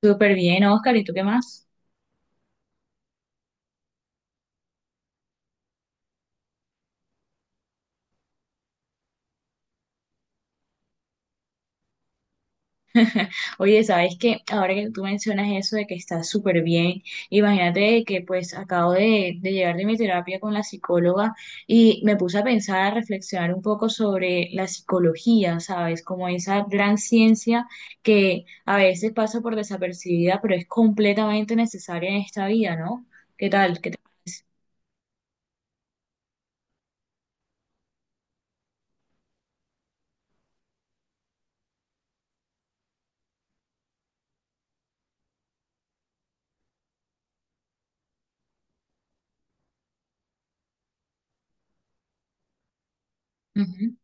Súper bien, Oscar, ¿y tú qué más? Oye, sabes que ahora que tú mencionas eso de que estás súper bien, imagínate que pues acabo de llegar de mi terapia con la psicóloga y me puse a pensar, a reflexionar un poco sobre la psicología, ¿sabes? Como esa gran ciencia que a veces pasa por desapercibida, pero es completamente necesaria en esta vida, ¿no? ¿Qué tal? ¿Qué te parece? Ujú,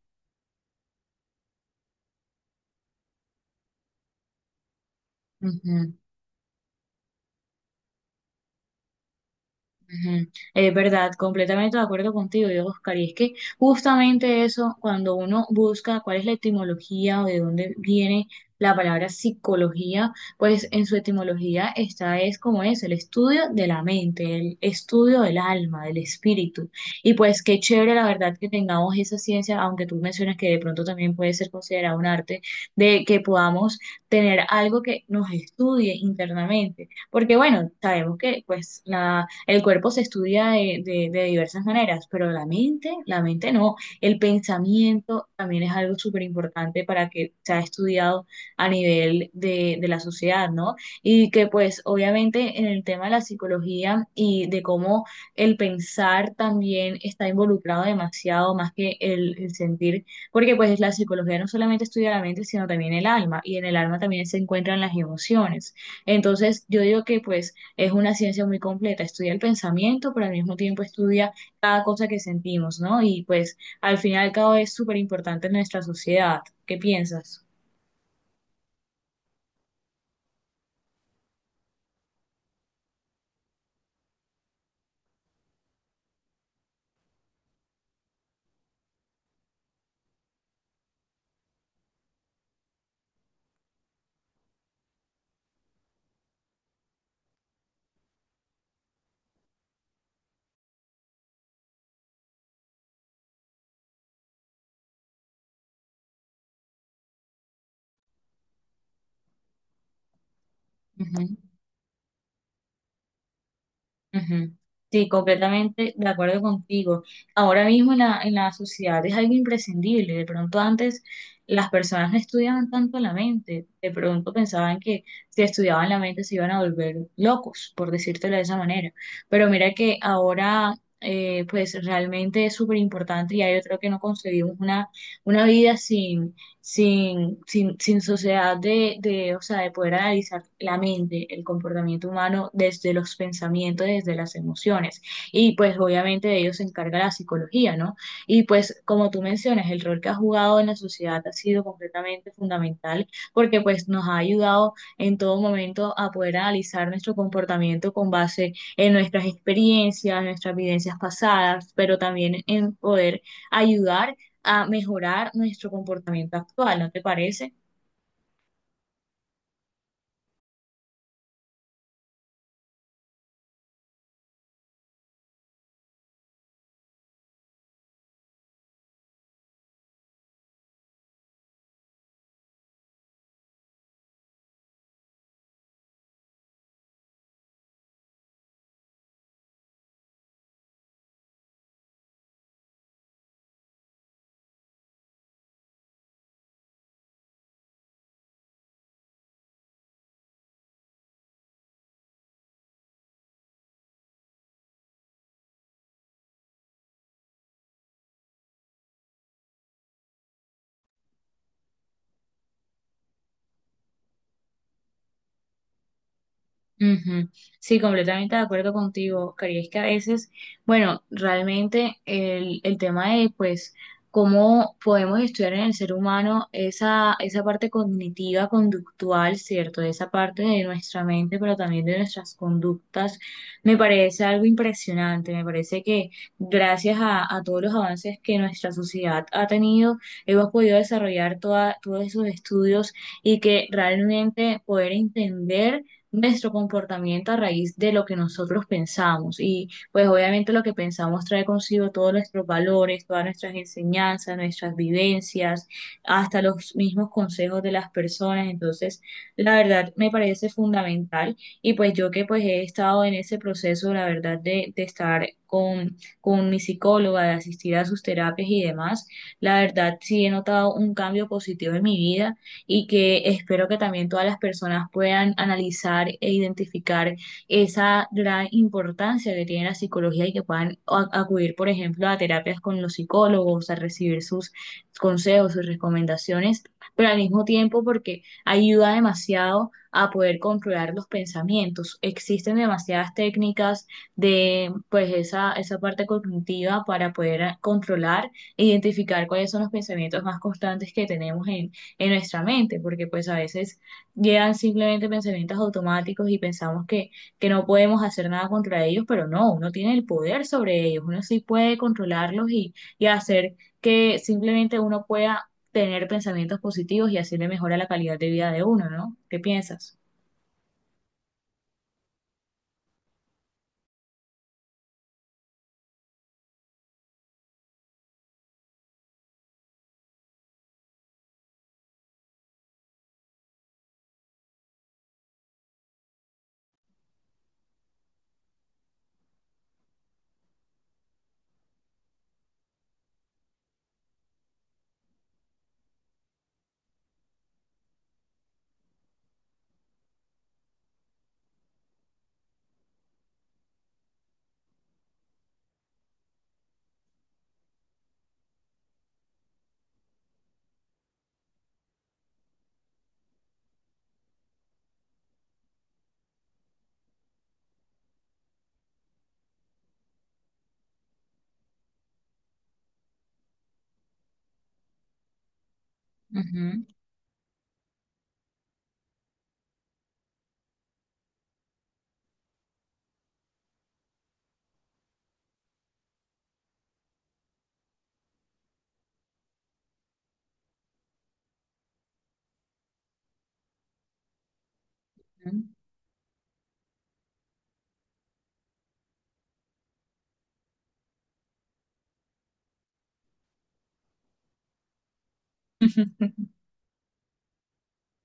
ujú. Ujú. Es verdad, completamente de acuerdo contigo, yo, Oscar. Y es que justamente eso, cuando uno busca cuál es la etimología o de dónde viene la palabra psicología, pues en su etimología está es como es, el estudio de la mente, el estudio del alma, del espíritu. Y pues qué chévere la verdad que tengamos esa ciencia, aunque tú mencionas que de pronto también puede ser considerado un arte, de que podamos tener algo que nos estudie internamente. Porque bueno, sabemos que pues la el cuerpo se estudia de diversas maneras, pero la mente no. El pensamiento también es algo súper importante para que sea estudiado a nivel de la sociedad, ¿no? Y que pues obviamente en el tema de la psicología y de cómo el pensar también está involucrado demasiado más que el sentir, porque pues la psicología no solamente estudia la mente, sino también el alma, y en el alma también se encuentran las emociones. Entonces, yo digo que pues es una ciencia muy completa, estudia el pensamiento, pero al mismo tiempo estudia cada cosa que sentimos, ¿no? Y pues al final cada vez es súper importante en nuestra sociedad. ¿Qué piensas? Ujú. Ujú. Sí, completamente de acuerdo contigo. Ahora mismo en la sociedad es algo imprescindible. De pronto antes las personas no estudiaban tanto la mente. De pronto pensaban que si estudiaban la mente se iban a volver locos, por decírtelo de esa manera. Pero mira que ahora pues realmente es súper importante y ya yo creo que no concebimos una vida sin sociedad de, o sea, de poder analizar la mente, el comportamiento humano desde los pensamientos, desde las emociones. Y pues obviamente de ello se encarga la psicología, ¿no? Y pues como tú mencionas, el rol que ha jugado en la sociedad ha sido completamente fundamental porque pues nos ha ayudado en todo momento a poder analizar nuestro comportamiento con base en nuestras experiencias, nuestras vivencias pasadas, pero también en poder ayudar a mejorar nuestro comportamiento actual, ¿no te parece? Ujú. Sí, completamente de acuerdo contigo, Oscar. Y es que a veces, bueno, realmente el tema de, pues, cómo podemos estudiar en el ser humano esa, esa parte cognitiva, conductual, ¿cierto? Esa parte de nuestra mente, pero también de nuestras conductas, me parece algo impresionante. Me parece que gracias a todos los avances que nuestra sociedad ha tenido, hemos podido desarrollar toda, todos esos estudios y que realmente poder entender nuestro comportamiento a raíz de lo que nosotros pensamos. Y pues obviamente lo que pensamos trae consigo todos nuestros valores, todas nuestras enseñanzas, nuestras vivencias, hasta los mismos consejos de las personas. Entonces, la verdad me parece fundamental. Y pues yo que pues he estado en ese proceso, la verdad, de estar con mi psicóloga, de asistir a sus terapias y demás, la verdad sí he notado un cambio positivo en mi vida y que espero que también todas las personas puedan analizar e identificar esa gran importancia que tiene la psicología y que puedan acudir, por ejemplo, a terapias con los psicólogos, a recibir sus consejos, sus recomendaciones, pero al mismo tiempo porque ayuda demasiado a poder controlar los pensamientos. Existen demasiadas técnicas de pues esa parte cognitiva para poder controlar e identificar cuáles son los pensamientos más constantes que tenemos en nuestra mente, porque pues a veces llegan simplemente pensamientos automáticos y pensamos que no podemos hacer nada contra ellos, pero no, uno tiene el poder sobre ellos, uno sí puede controlarlos y hacer que simplemente uno pueda tener pensamientos positivos y así le mejora la calidad de vida de uno, ¿no? ¿Qué piensas? Ujú, ujú.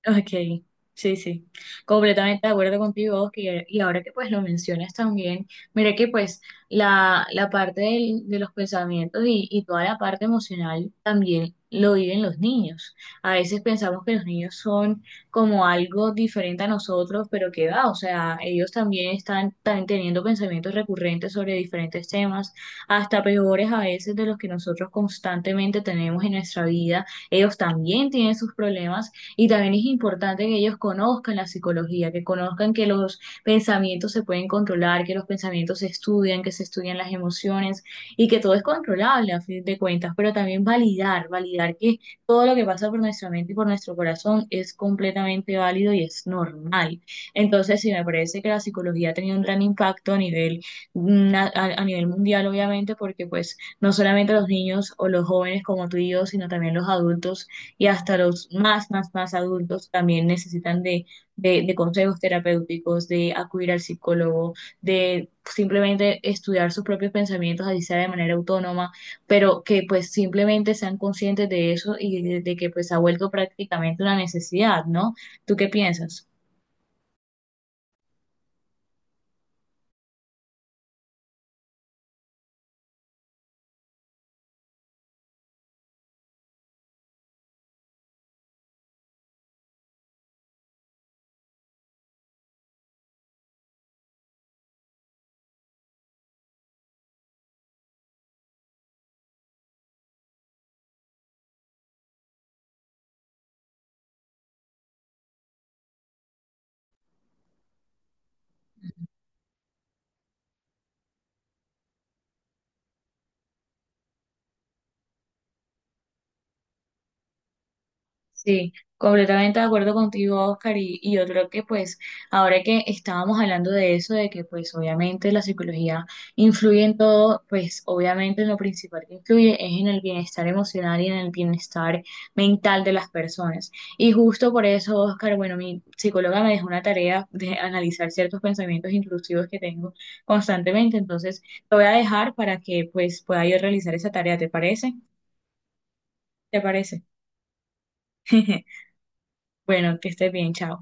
Ok, sí, sí, completamente de acuerdo contigo, Oscar, y ahora que pues lo mencionas también, mira que pues la parte de los pensamientos y toda la parte emocional también lo viven los niños. A veces pensamos que los niños son como algo diferente a nosotros, pero que va, o sea, ellos también están, están teniendo pensamientos recurrentes sobre diferentes temas, hasta peores a veces de los que nosotros constantemente tenemos en nuestra vida. Ellos también tienen sus problemas y también es importante que ellos conozcan la psicología, que conozcan que los pensamientos se pueden controlar, que los pensamientos se estudian, que se estudian las emociones y que todo es controlable a fin de cuentas, pero también validar, validar que todo lo que pasa por nuestra mente y por nuestro corazón es completamente válido y es normal. Entonces, sí, me parece que la psicología ha tenido un gran impacto a nivel, a nivel mundial, obviamente, porque pues no solamente los niños o los jóvenes como tú y yo, sino también los adultos y hasta los más, más, más adultos también necesitan de consejos terapéuticos, de acudir al psicólogo, de simplemente estudiar sus propios pensamientos, así sea de manera autónoma, pero que pues simplemente sean conscientes de eso y de que pues ha vuelto prácticamente una necesidad, ¿no? ¿Tú qué piensas? Sí, completamente de acuerdo contigo, Oscar, y yo creo que pues ahora que estábamos hablando de eso, de que pues obviamente la psicología influye en todo, pues obviamente lo principal que influye es en el bienestar emocional y en el bienestar mental de las personas. Y justo por eso, Oscar, bueno, mi psicóloga me dejó una tarea de analizar ciertos pensamientos intrusivos que tengo constantemente, entonces te voy a dejar para que pues pueda yo realizar esa tarea, ¿te parece? ¿Te parece? Bueno, que estés bien, chao.